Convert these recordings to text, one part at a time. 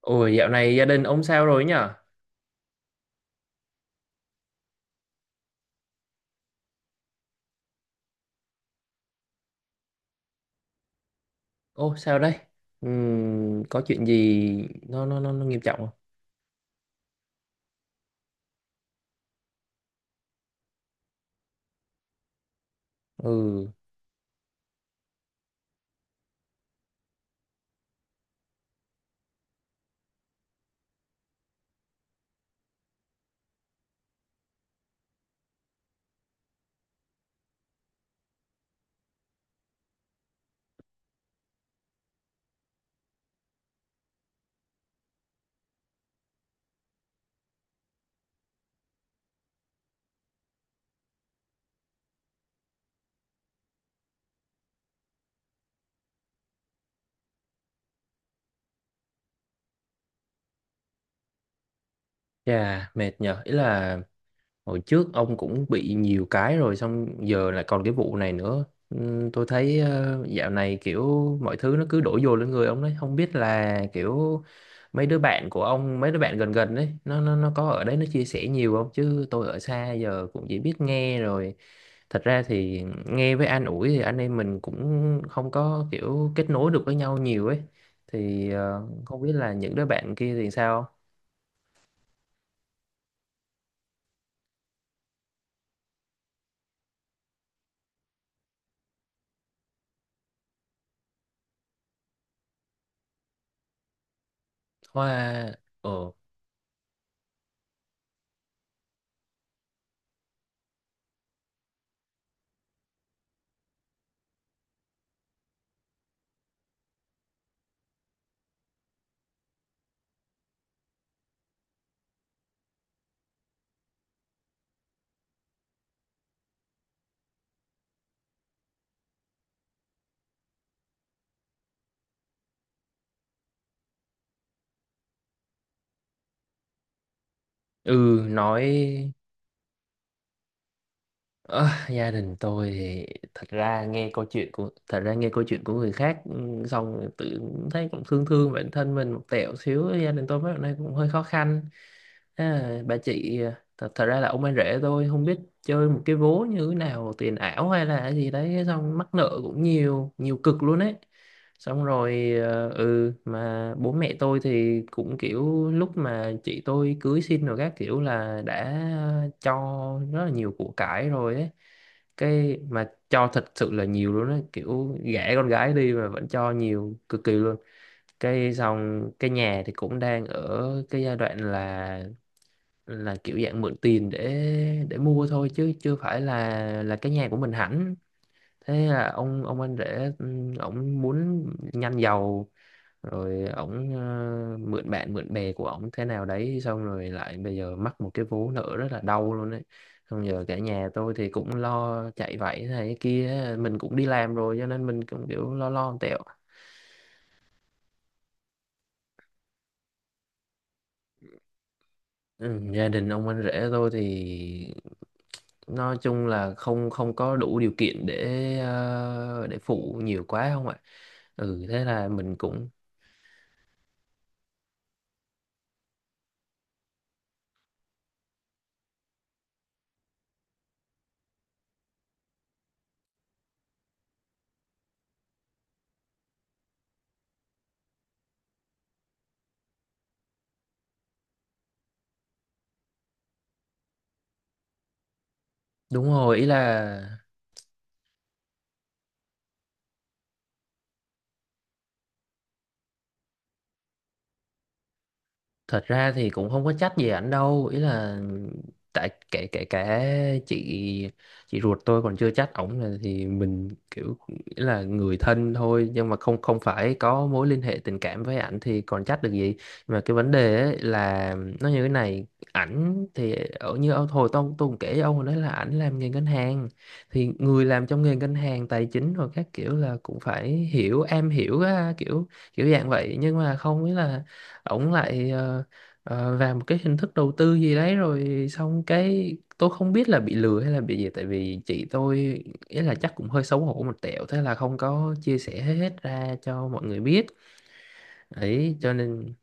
Ôi dạo này gia đình ông sao rồi nhở? Ô sao đây? Có chuyện gì nó nghiêm trọng không? Ừ, chà mệt nhở. Ý là hồi trước ông cũng bị nhiều cái rồi xong giờ lại còn cái vụ này nữa. Tôi thấy dạo này kiểu mọi thứ nó cứ đổ dồn lên người ông đấy, không biết là kiểu mấy đứa bạn của ông, mấy đứa bạn gần gần đấy, nó có ở đấy nó chia sẻ nhiều không chứ tôi ở xa giờ cũng chỉ biết nghe rồi thật ra thì nghe với an ủi thì anh em mình cũng không có kiểu kết nối được với nhau nhiều ấy thì không biết là những đứa bạn kia thì sao. Hoa. Ờ. Ừ. Nói ờ, gia đình tôi thì thật ra nghe câu chuyện của người khác ừ, xong rồi tự thấy cũng thương thương bản thân mình một tẹo xíu. Gia đình tôi mấy hôm nay cũng hơi khó khăn. À, bà chị, thật ra là ông anh rể tôi không biết chơi một cái vố như thế nào tiền ảo hay là gì đấy xong mắc nợ cũng nhiều nhiều cực luôn ấy. Xong rồi mà bố mẹ tôi thì cũng kiểu lúc mà chị tôi cưới xin rồi các kiểu là đã cho rất là nhiều của cải rồi ấy, cái mà cho thật sự là nhiều luôn á, kiểu gả con gái đi mà vẫn cho nhiều cực kỳ luôn. Cái xong cái nhà thì cũng đang ở cái giai đoạn là kiểu dạng mượn tiền để mua thôi chứ chưa phải là cái nhà của mình hẳn. Thế là ông anh rể, ổng muốn nhanh giàu rồi ổng mượn bạn mượn bè của ổng thế nào đấy xong rồi lại bây giờ mắc một cái vố nợ rất là đau luôn đấy. Xong giờ cả nhà tôi thì cũng lo chạy vạy thế này thế kia, mình cũng đi làm rồi cho nên mình cũng kiểu lo lo tẹo. Ừ, gia đình ông anh rể tôi thì nói chung là không không có đủ điều kiện để để phụ nhiều quá không ạ. Ừ thế là mình cũng đúng rồi. Ý là thật ra thì cũng không có trách gì ảnh đâu, ý là tại kể kể cả chị chị ruột tôi còn chưa chắc ổng là thì mình kiểu nghĩ là người thân thôi nhưng mà không không phải có mối liên hệ tình cảm với ảnh thì còn chắc được gì. Mà cái vấn đề ấy là nó như thế này: ảnh thì ở như ông hồi tôi cũng kể với ông hồi đấy là ảnh làm nghề ngân hàng thì người làm trong nghề ngân hàng tài chính rồi các kiểu là cũng phải hiểu am hiểu á, kiểu kiểu dạng vậy nhưng mà không biết là ổng lại và một cái hình thức đầu tư gì đấy rồi xong cái tôi không biết là bị lừa hay là bị gì tại vì chị tôi, ý là chắc cũng hơi xấu hổ một tẹo thế là không có chia sẻ hết ra cho mọi người biết, ấy cho nên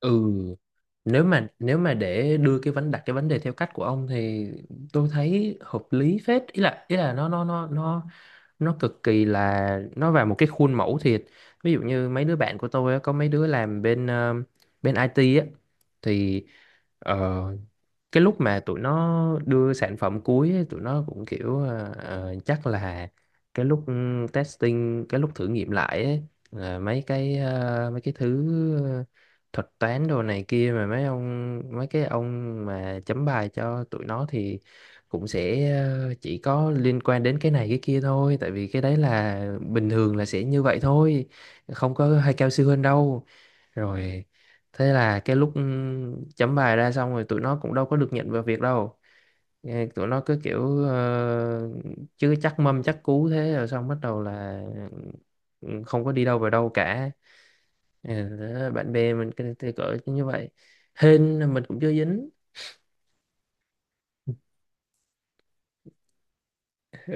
ừ. Nếu mà nếu mà để đưa cái vấn đặt cái vấn đề theo cách của ông thì tôi thấy hợp lý phết, ý là nó nó cực kỳ là nó vào một cái khuôn mẫu thiệt. Ví dụ như mấy đứa bạn của tôi á, có mấy đứa làm bên bên IT á thì ờ, cái lúc mà tụi nó đưa sản phẩm cuối ấy, tụi nó cũng kiểu chắc là cái lúc ừ, testing, cái lúc thử nghiệm lại ấy, là mấy cái mấy cái thứ ờ, thuật toán đồ này kia mà mấy cái ông mà chấm bài cho tụi nó thì cũng sẽ chỉ có liên quan đến cái này cái kia thôi, tại vì cái đấy là bình thường là sẽ như vậy thôi, không có hay cao siêu hơn đâu. Rồi thế là cái lúc chấm bài ra xong rồi tụi nó cũng đâu có được nhận vào việc đâu. Nghe tụi nó cứ kiểu chứ chắc mâm chắc cú thế rồi xong bắt đầu là ừ, không có đi đâu vào đâu cả. Ừ, đó, bạn bè mình cái cỡ như vậy hên là mình cũng chưa dính.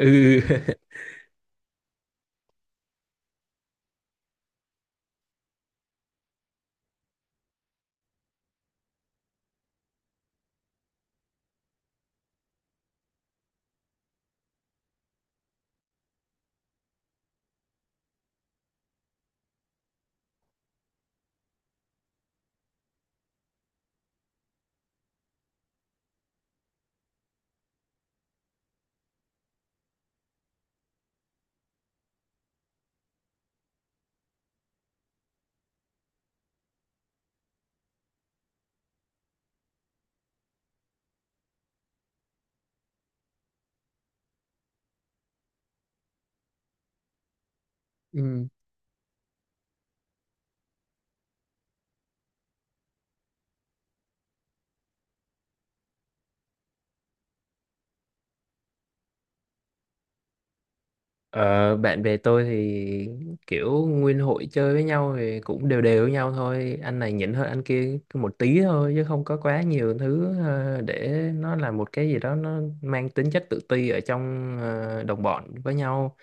Ừ. Ờ, bạn bè tôi thì kiểu nguyên hội chơi với nhau thì cũng đều đều với nhau thôi, anh này nhỉnh hơn anh kia một tí thôi chứ không có quá nhiều thứ để nó là một cái gì đó nó mang tính chất tự ti ở trong đồng bọn với nhau.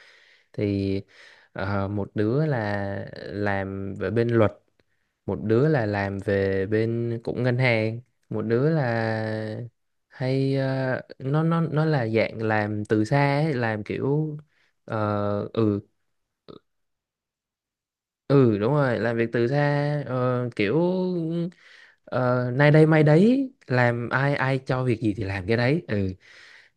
Thì ờ, một đứa là làm về bên luật, một đứa là làm về bên cũng ngân hàng, một đứa là hay nó là dạng làm từ xa ấy, làm kiểu ờ, ừ. Ừ đúng rồi, làm việc từ xa, kiểu ờ, nay đây mai đấy, làm ai ai cho việc gì thì làm cái đấy ừ.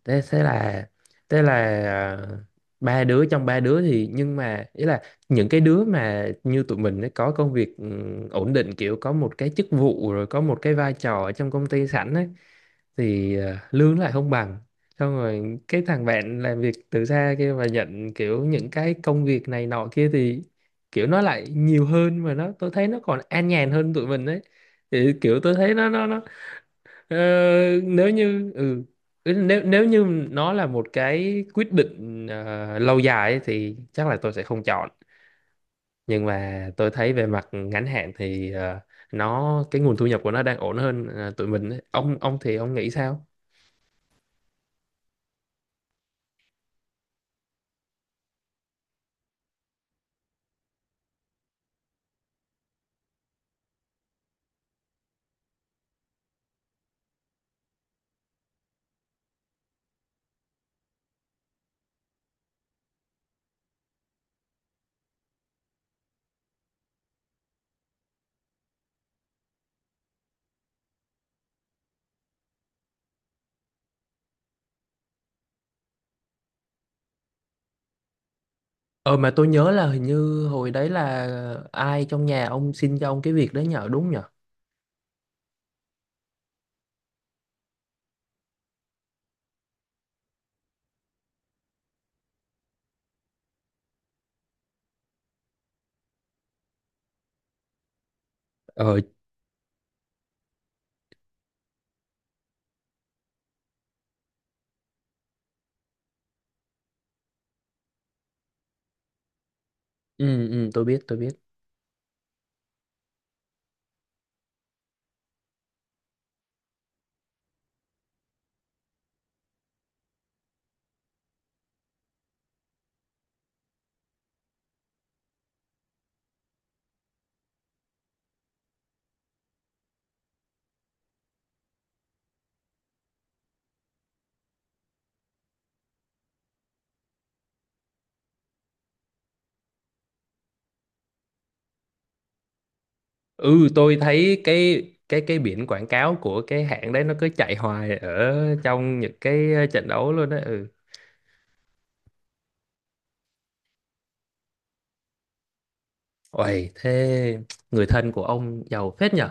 Thế thế là ờ, ba đứa thì nhưng mà ý là những cái đứa mà như tụi mình ấy, có công việc ừ, ổn định kiểu có một cái chức vụ rồi có một cái vai trò ở trong công ty sẵn ấy thì lương lại không bằng. Xong rồi cái thằng bạn làm việc từ xa kia và nhận kiểu những cái công việc này nọ kia thì kiểu nó lại nhiều hơn mà nó, tôi thấy nó còn an nhàn hơn tụi mình đấy. Thì kiểu tôi thấy ờ, nếu như ừ, ý là nếu nếu như nó là một cái quyết định lâu dài ấy, thì chắc là tôi sẽ không chọn, nhưng mà tôi thấy về mặt ngắn hạn thì nó cái nguồn thu nhập của nó đang ổn hơn tụi mình ấy. Ông thì ông nghĩ sao? Ờ mà tôi nhớ là hình như hồi đấy là ai trong nhà ông xin cho ông cái việc đấy nhờ, đúng nhờ? Ờ. Ừ ừ tôi biết tôi biết. Ừ tôi thấy cái biển quảng cáo của cái hãng đấy nó cứ chạy hoài ở trong những cái trận đấu luôn đấy ừ. Ôi thế, người thân của ông giàu phết nhở,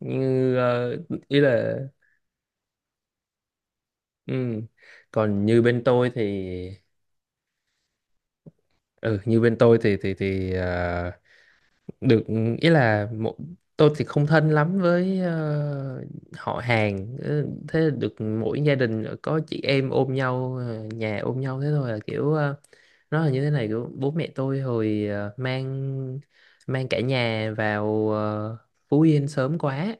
như ờ, ý là ừ. Còn như bên tôi thì ừ, như bên tôi thì thì ờ, được, ý là một, tôi thì không thân lắm với họ hàng. Ừ, thế được mỗi gia đình có chị em ôm nhau, nhà ôm nhau thế thôi, là kiểu ờ, nó là như thế này, kiểu bố mẹ tôi hồi ờ, mang mang cả nhà vào Phú Yên sớm quá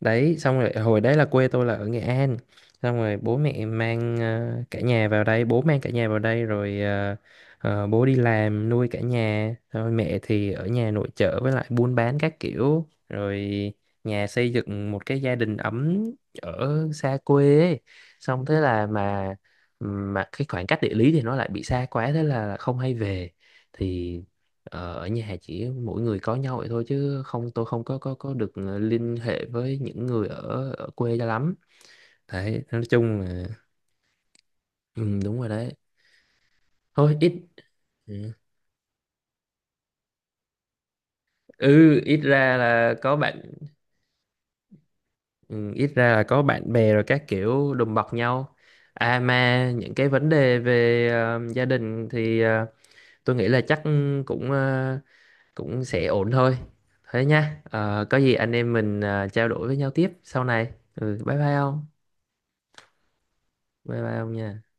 đấy. Xong rồi hồi đấy là quê tôi là ở Nghệ An, xong rồi bố mẹ mang cả nhà vào đây, rồi bố đi làm nuôi cả nhà rồi mẹ thì ở nhà nội trợ với lại buôn bán các kiểu rồi nhà xây dựng một cái gia đình ấm ở xa quê ấy. Xong thế là mà cái khoảng cách địa lý thì nó lại bị xa quá thế là không hay về. Thì ờ, ở nhà chỉ mỗi người có nhau vậy thôi chứ không tôi không có được liên hệ với những người ở ở quê cho lắm. Đấy nói chung là ừ, đúng rồi đấy. Thôi ít, ừ, ừ, ít ra là có bạn, ừ, ít ra là có bạn bè rồi các kiểu đùm bọc nhau. À mà những cái vấn đề về gia đình thì tôi nghĩ là chắc cũng cũng sẽ ổn thôi. Thế nha. Ờ, có gì anh em mình trao đổi với nhau tiếp sau này ừ, bye bye ông. Bye bye ông nha.